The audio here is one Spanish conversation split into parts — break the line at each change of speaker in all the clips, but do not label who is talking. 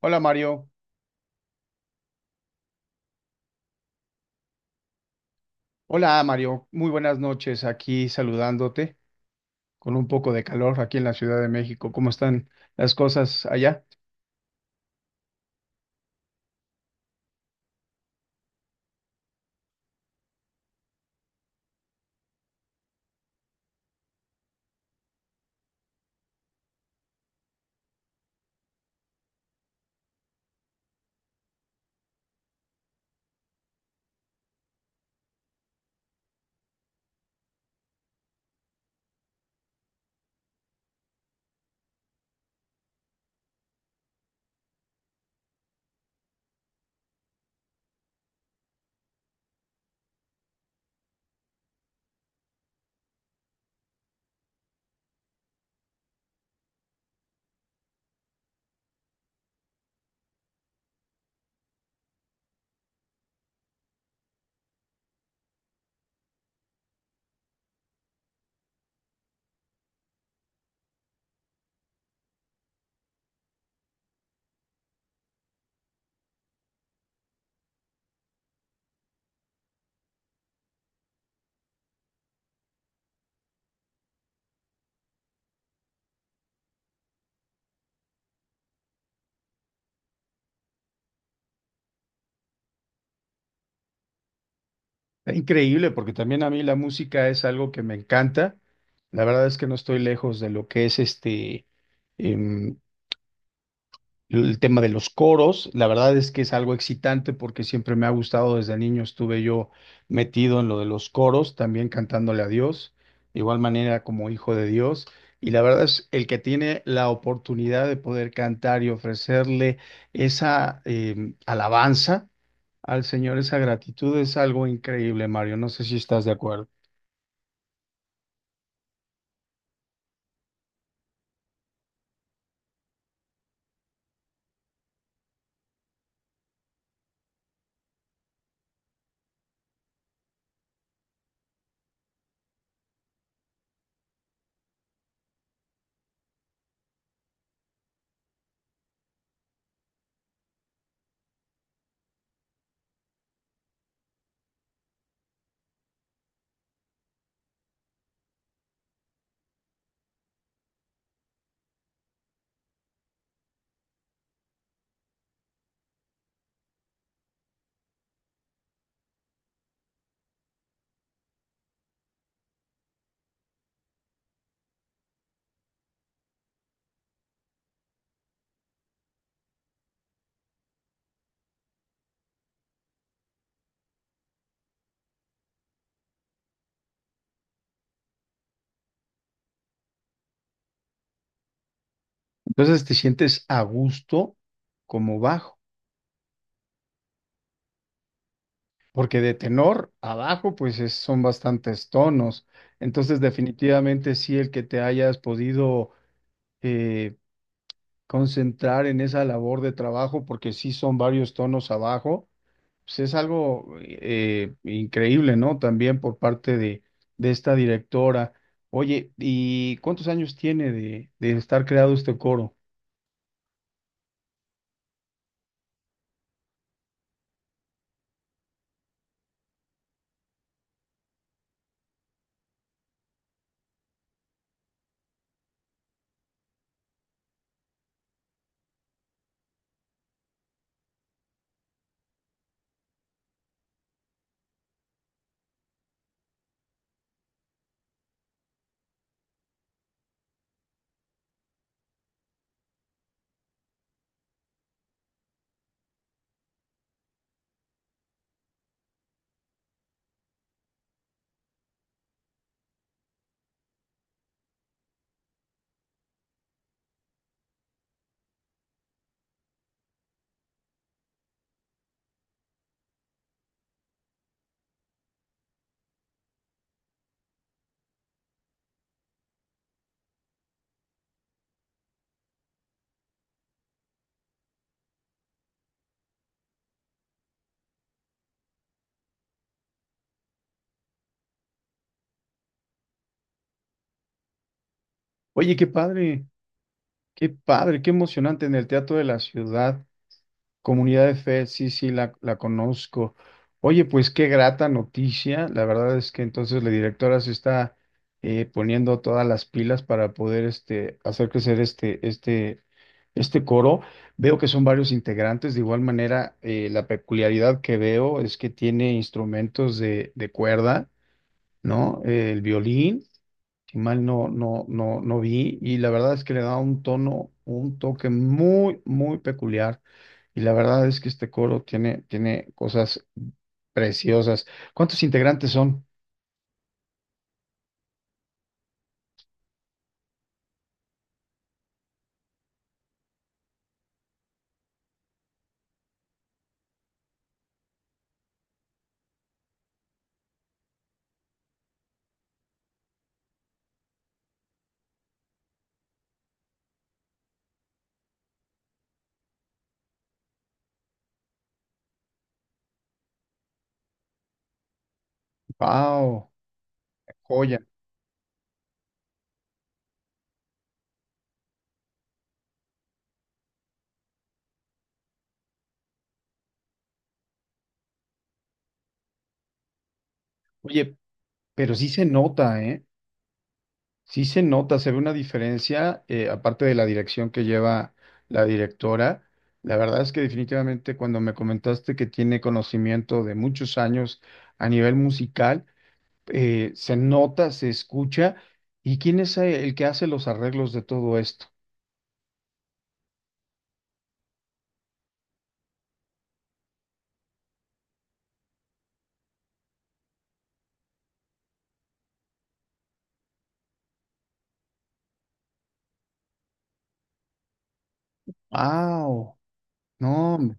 Hola Mario, hola Mario, muy buenas noches aquí saludándote con un poco de calor aquí en la Ciudad de México. ¿Cómo están las cosas allá? Está increíble porque también a mí la música es algo que me encanta. La verdad es que no estoy lejos de lo que es em, el tema de los coros. La verdad es que es algo excitante porque siempre me ha gustado. Desde niño estuve yo metido en lo de los coros, también cantándole a Dios, de igual manera como hijo de Dios. Y la verdad es el que tiene la oportunidad de poder cantar y ofrecerle esa alabanza al Señor, esa gratitud, es algo increíble, Mario. No sé si estás de acuerdo. Entonces te sientes a gusto como bajo. Porque de tenor abajo pues son bastantes tonos. Entonces definitivamente sí, el que te hayas podido eh, concentrar en esa labor de trabajo, porque sí son varios tonos abajo, pues es algo increíble, ¿no? También por parte de esta directora. Oye, ¿y cuántos años tiene de estar creado este coro? Oye, qué padre, qué padre, qué emocionante en el Teatro de la Ciudad. Comunidad de Fe, sí, sí, la conozco. Oye, pues qué grata noticia. La verdad es que entonces la directora se está poniendo todas las pilas para poder este, hacer crecer este coro. Veo que son varios integrantes. De igual manera, la peculiaridad que veo es que tiene instrumentos de cuerda, ¿no? El violín si mal no vi, y la verdad es que le da un tono, un toque muy, muy peculiar, y la verdad es que este coro tiene, tiene cosas preciosas. ¿Cuántos integrantes son? ¡Wow! Joya. Oye, pero sí se nota, ¿eh? Sí se nota, se ve una diferencia, aparte de la dirección que lleva la directora. La verdad es que definitivamente cuando me comentaste que tiene conocimiento de muchos años a nivel musical, se nota, se escucha. ¿Y quién es el que hace los arreglos de todo esto? Ah, oh, no, hombre.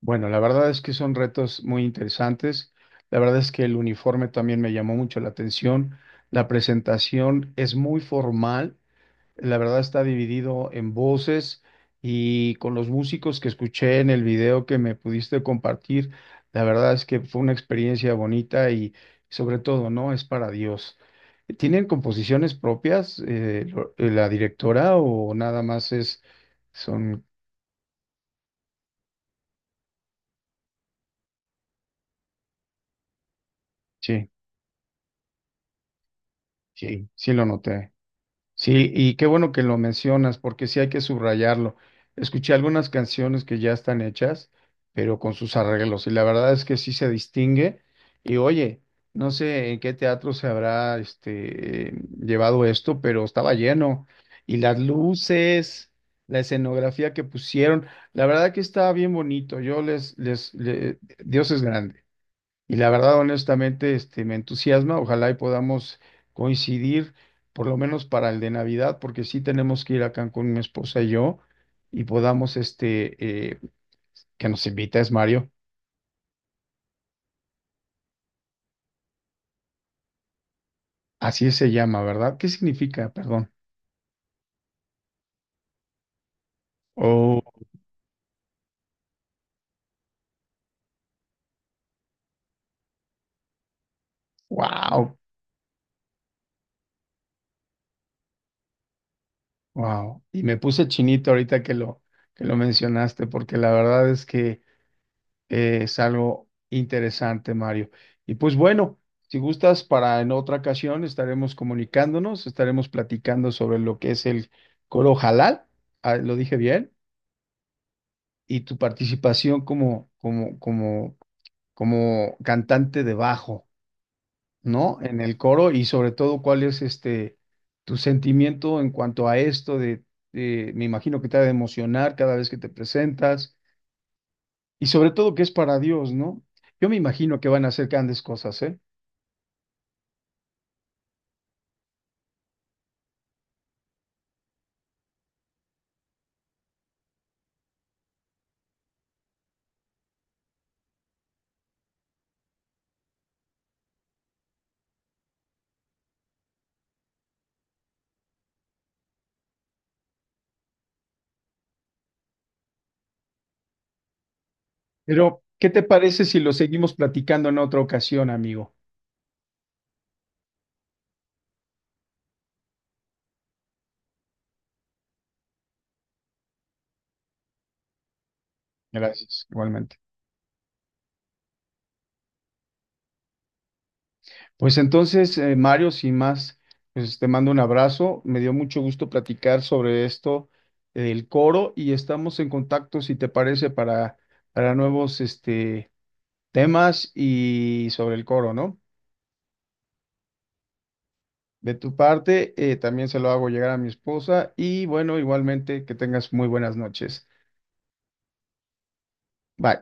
Bueno, la verdad es que son retos muy interesantes. La verdad es que el uniforme también me llamó mucho la atención. La presentación es muy formal. La verdad está dividido en voces, y con los músicos que escuché en el video que me pudiste compartir, la verdad es que fue una experiencia bonita, y sobre todo, ¿no?, es para Dios. ¿Tienen composiciones propias, la directora, o nada más es, son, sí, sí, sí lo noté? Sí, y qué bueno que lo mencionas, porque sí hay que subrayarlo. Escuché algunas canciones que ya están hechas, pero con sus arreglos, y la verdad es que sí se distingue. Y oye, no sé en qué teatro se habrá este, llevado esto, pero estaba lleno. Y las luces, la escenografía que pusieron, la verdad que estaba bien bonito. Yo les, les, le- Dios es grande. Y la verdad, honestamente, este, me entusiasma. Ojalá y podamos coincidir, por lo menos para el de Navidad, porque sí tenemos que ir a Cancún, mi esposa y yo, y podamos, este, que nos invita es Mario. Así se llama, ¿verdad? ¿Qué significa? Perdón. Oh, wow, wow. Y me puse chinito ahorita que que lo mencionaste, porque la verdad es que es algo interesante, Mario. Y pues bueno, si gustas, para en otra ocasión estaremos comunicándonos, estaremos platicando sobre lo que es el coro halal, ah, lo dije bien, y tu participación como cantante de bajo, ¿no? En el coro, y sobre todo cuál es este tu sentimiento en cuanto a esto me imagino que te ha de emocionar cada vez que te presentas. Y sobre todo que es para Dios, ¿no? Yo me imagino que van a hacer grandes cosas, ¿eh? Pero, ¿qué te parece si lo seguimos platicando en otra ocasión, amigo? Gracias, igualmente. Pues entonces, Mario, sin más, pues te mando un abrazo. Me dio mucho gusto platicar sobre esto del coro, y estamos en contacto, si te parece, para nuevos este, temas y sobre el coro, ¿no? De tu parte, también se lo hago llegar a mi esposa y bueno, igualmente, que tengas muy buenas noches. Bye.